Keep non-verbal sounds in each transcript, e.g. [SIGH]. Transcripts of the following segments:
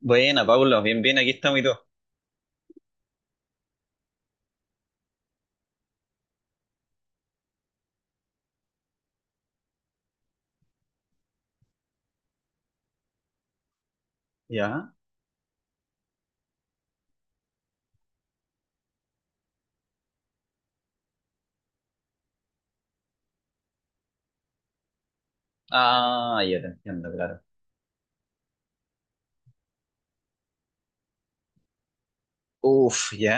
Buena, Pablo, bien, bien, aquí estamos y todo. ¿Ya? Ah, ya te entiendo, claro. Uf, ya.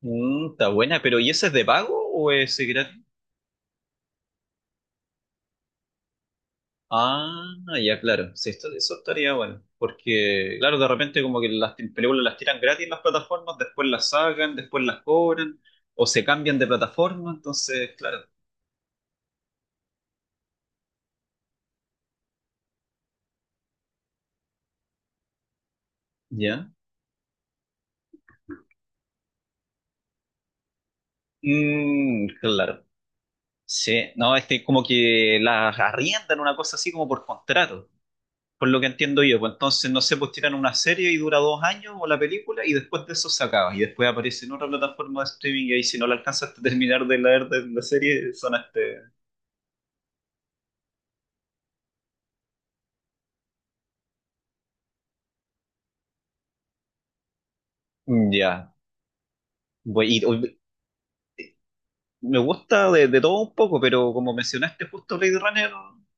Mm, está buena, pero ¿y ese es de pago o es gratis? Ah, ya, claro. Sí, eso estaría bueno. Porque, claro, de repente como que las películas las tiran gratis en las plataformas, después las sacan, después las cobran, o se cambian de plataforma, entonces, claro. ¿Ya? Mm, claro. Sí, no, es que como que las arriendan una cosa así como por contrato. Por lo que entiendo yo. Pues entonces, no sé, pues tiran una serie y dura 2 años o la película y después de eso se acaba. Y después aparece en otra plataforma de streaming y ahí si no la alcanzas a terminar de leer de la serie. Ya. Bueno, y me gusta de todo un poco, pero como mencionaste justo Blade Runner,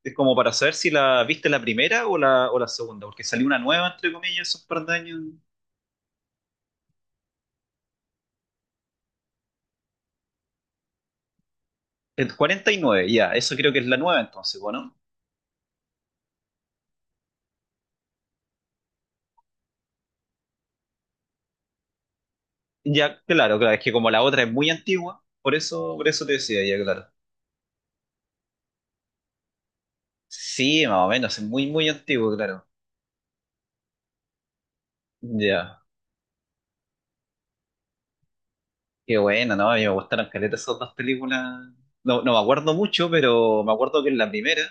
es como para saber si la viste la primera o la segunda, porque salió una nueva, entre comillas, esos par de años. El 49 ya, eso creo que es la nueva entonces, bueno. Ya, claro, claro, es que como la otra es muy antigua, por eso te decía, ya, claro. Sí, más o menos, es muy, muy antiguo, claro. Ya, qué bueno, ¿no? A mí me gustaron caletas esas dos películas. No, no me acuerdo mucho, pero me acuerdo que en la primera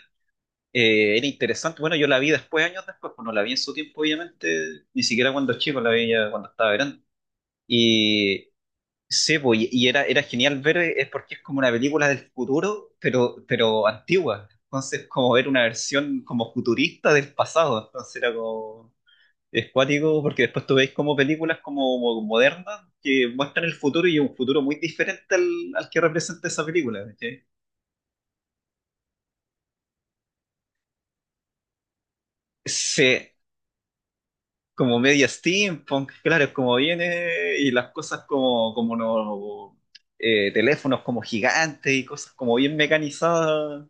era interesante. Bueno, yo la vi después, años después, pues no la vi en su tiempo, obviamente, ni siquiera cuando chico, la vi ya cuando estaba grande. Y sí, pues, y era genial ver, es porque es como una película del futuro, pero antigua. Entonces, como ver una versión como futurista del pasado, entonces era como es cuático porque después tú veis como películas como, modernas que muestran el futuro y un futuro muy diferente al que representa esa película. ¿Cachai? Se, Como media steampunk, claro, es como viene y las cosas como no, teléfonos como gigantes y cosas como bien mecanizadas.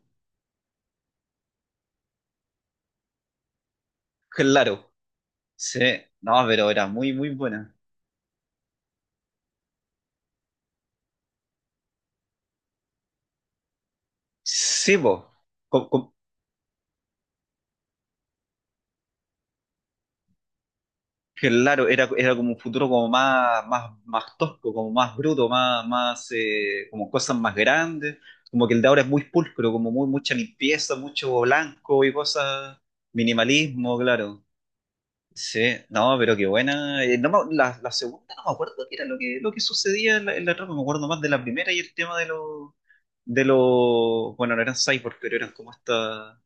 Claro, sí, no, pero era muy, muy buena. Sí, po. Com- com- Claro, era como un futuro como más, más, más tosco, como más bruto, más, más como cosas más grandes, como que el de ahora es muy pulcro, como muy, mucha limpieza, mucho blanco y cosas, minimalismo, claro. Sí, no, pero qué buena. No me- La segunda no me acuerdo qué era lo que sucedía en la trama, me acuerdo más de la primera y el tema de los, bueno, no eran cyborgs, pero eran como esta,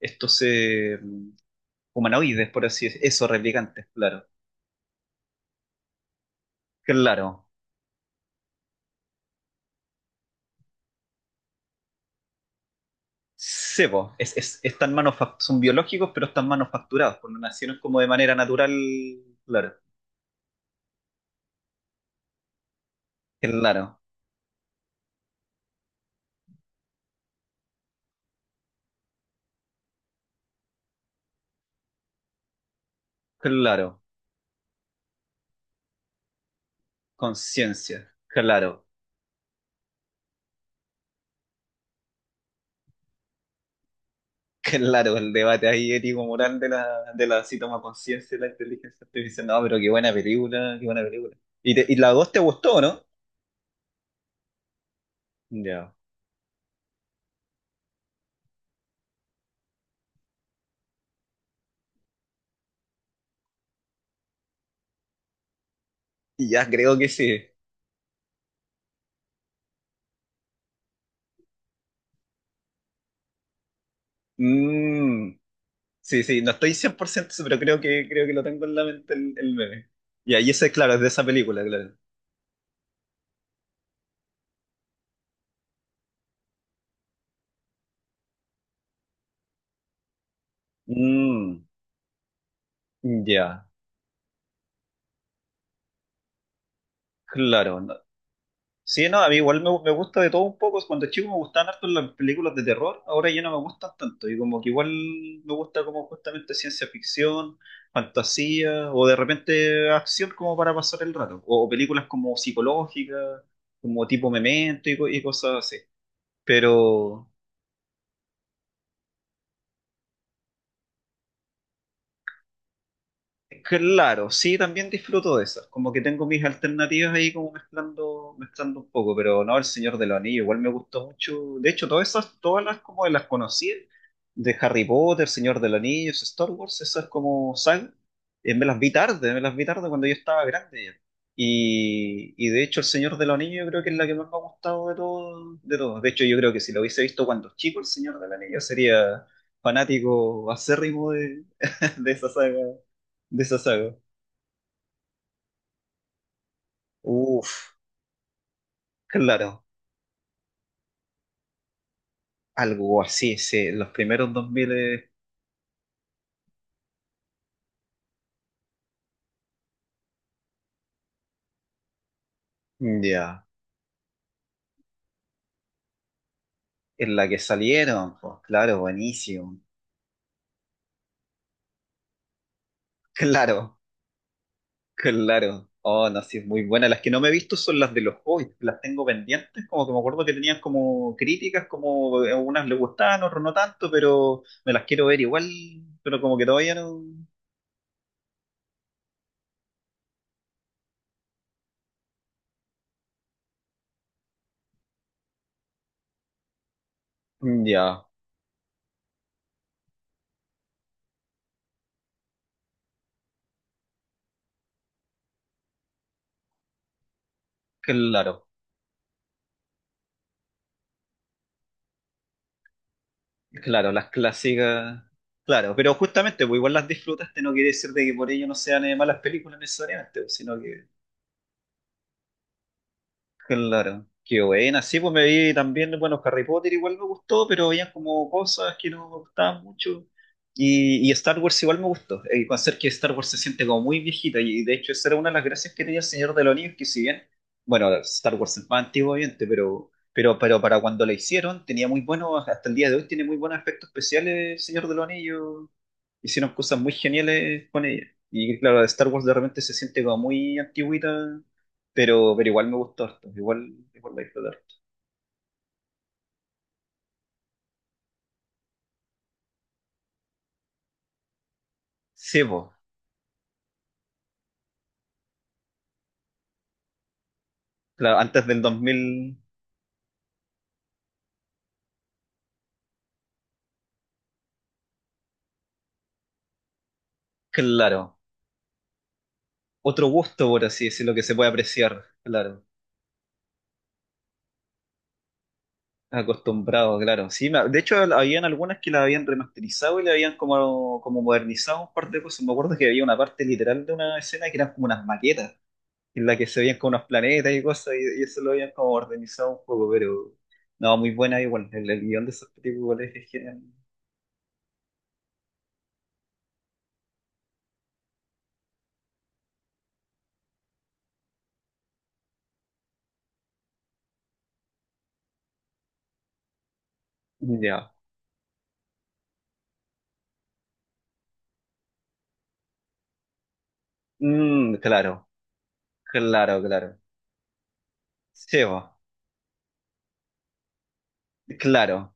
estos humanoides, por así decirlo, eso, replicantes, claro. Claro. Sí, po, son biológicos, pero están manufacturados, porque nacieron como de manera natural. Claro, claro, claro. Conciencia, claro, claro. El debate ahí ético-moral de la si toma conciencia de la inteligencia artificial. No, pero qué buena película, qué buena película. ¿Y la dos te gustó, no? Ya. Y ya creo que sí. Mm, sí, sí, no estoy 100%, pero creo que lo tengo en la mente el meme. Ya. Y ahí ese, claro, es de esa película, claro. Mm. Ya, claro. Sí, no, a mí igual me gusta de todo un poco. Cuando chico me gustaban harto las películas de terror, ahora ya no me gustan tanto. Y como que igual me gusta como justamente ciencia ficción, fantasía, o de repente acción como para pasar el rato. O películas como psicológicas, como tipo Memento y cosas así. Pero. Claro, sí, también disfruto de esas. Como que tengo mis alternativas ahí como mezclando, mezclando un poco, pero no, El Señor de los Anillos, igual me gustó mucho. De hecho, todas esas, todas las como las conocí, de Harry Potter, Señor de los Anillos, Star Wars, esas como sagas, me las vi tarde cuando yo estaba grande ya. Y de hecho, El Señor de los Anillos yo creo que es la que más me ha gustado de todo, de todos. De hecho, yo creo que si lo hubiese visto cuando chico, El Señor de los Anillos, sería fanático acérrimo [LAUGHS] de esa saga de esa saga. Uf, claro, algo así, sí, los primeros 2000 ya, en la que salieron, pues claro, buenísimo, claro, claro, oh, no, sí, es muy buena, las que no me he visto son las de los Hobbits, las tengo pendientes, como que me acuerdo que tenían como críticas, como a unas le gustaban, otras no tanto, pero me las quiero ver igual, pero como que todavía no, mm, ya, claro. Claro, las clásicas, claro, pero justamente, pues igual las disfrutaste, no quiere decir de que por ello no sean malas películas necesariamente, pues, sino que. Claro, qué buena. Sí, pues me vi también, bueno, Harry Potter igual me gustó, pero había como cosas que no me gustaban mucho. Y Star Wars igual me gustó. El con ser que Star Wars se siente como muy viejita, y de hecho esa era una de las gracias que tenía el Señor de los Anillos, que si bien, bueno, Star Wars es más antiguo, obviamente, pero para cuando la hicieron, tenía muy buenos, hasta el día de hoy tiene muy buenos efectos especiales el Señor de los Anillos. Hicieron cosas muy geniales con ella. Y claro, Star Wars de repente se siente como muy antigüita pero igual me gustó harto, igual la disfruté harto. Sí, pues, claro, antes del 2000, claro. Otro gusto, por así decirlo, que se puede apreciar, claro. Acostumbrado, claro. Sí, de hecho, habían algunas que la habían remasterizado y le habían como modernizado un par de cosas. Me acuerdo que había una parte literal de una escena que eran como unas maquetas, en la que se veían como unos planetas y cosas, y eso lo habían como modernizado un poco, pero no, muy buena igual. El guión de esos películas es genial. Ya. Mm, claro, claro, claro. Sí, bo. Claro.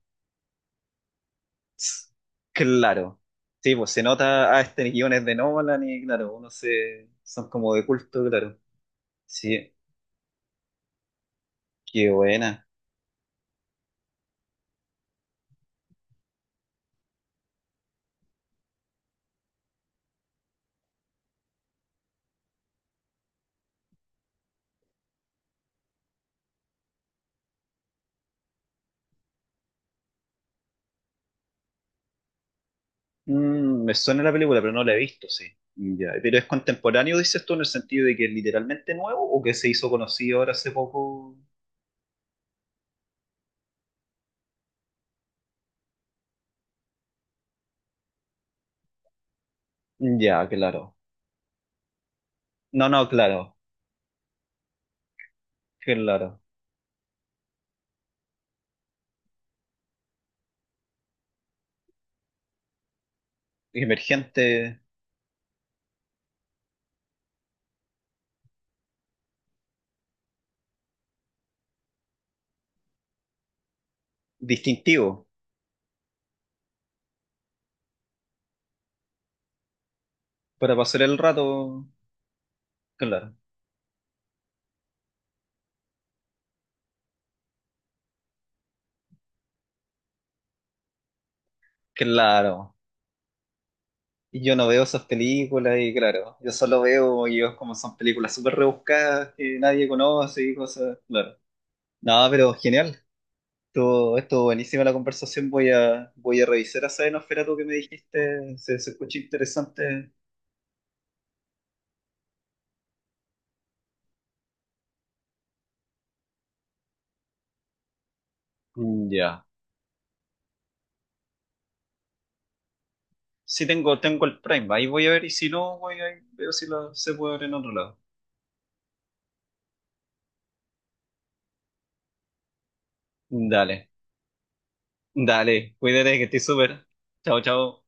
S- claro. Sí, pues se nota a este guiones de Nolan y claro, son como de culto, claro. Sí, qué buena. Mm, me suena la película, pero no la he visto, sí. Ya, pero es contemporáneo, dices tú, en el sentido de que es literalmente nuevo o que se hizo conocido ahora hace poco. Ya, claro. No, no, claro, claro. Emergente, distintivo, para pasar el rato, claro, claro. Y yo no veo esas películas y claro, yo solo veo ellos como son películas súper rebuscadas que nadie conoce y cosas, claro. No, pero genial. Estuvo buenísima la conversación. Voy a revisar esa Nosferatu que me dijiste. Se escucha interesante. Mm, ya. Sí tengo el Prime. Ahí voy a ver y si no, voy a veo si se puede ver en otro lado. Dale, dale. Cuídate que estoy súper. Chao, chao.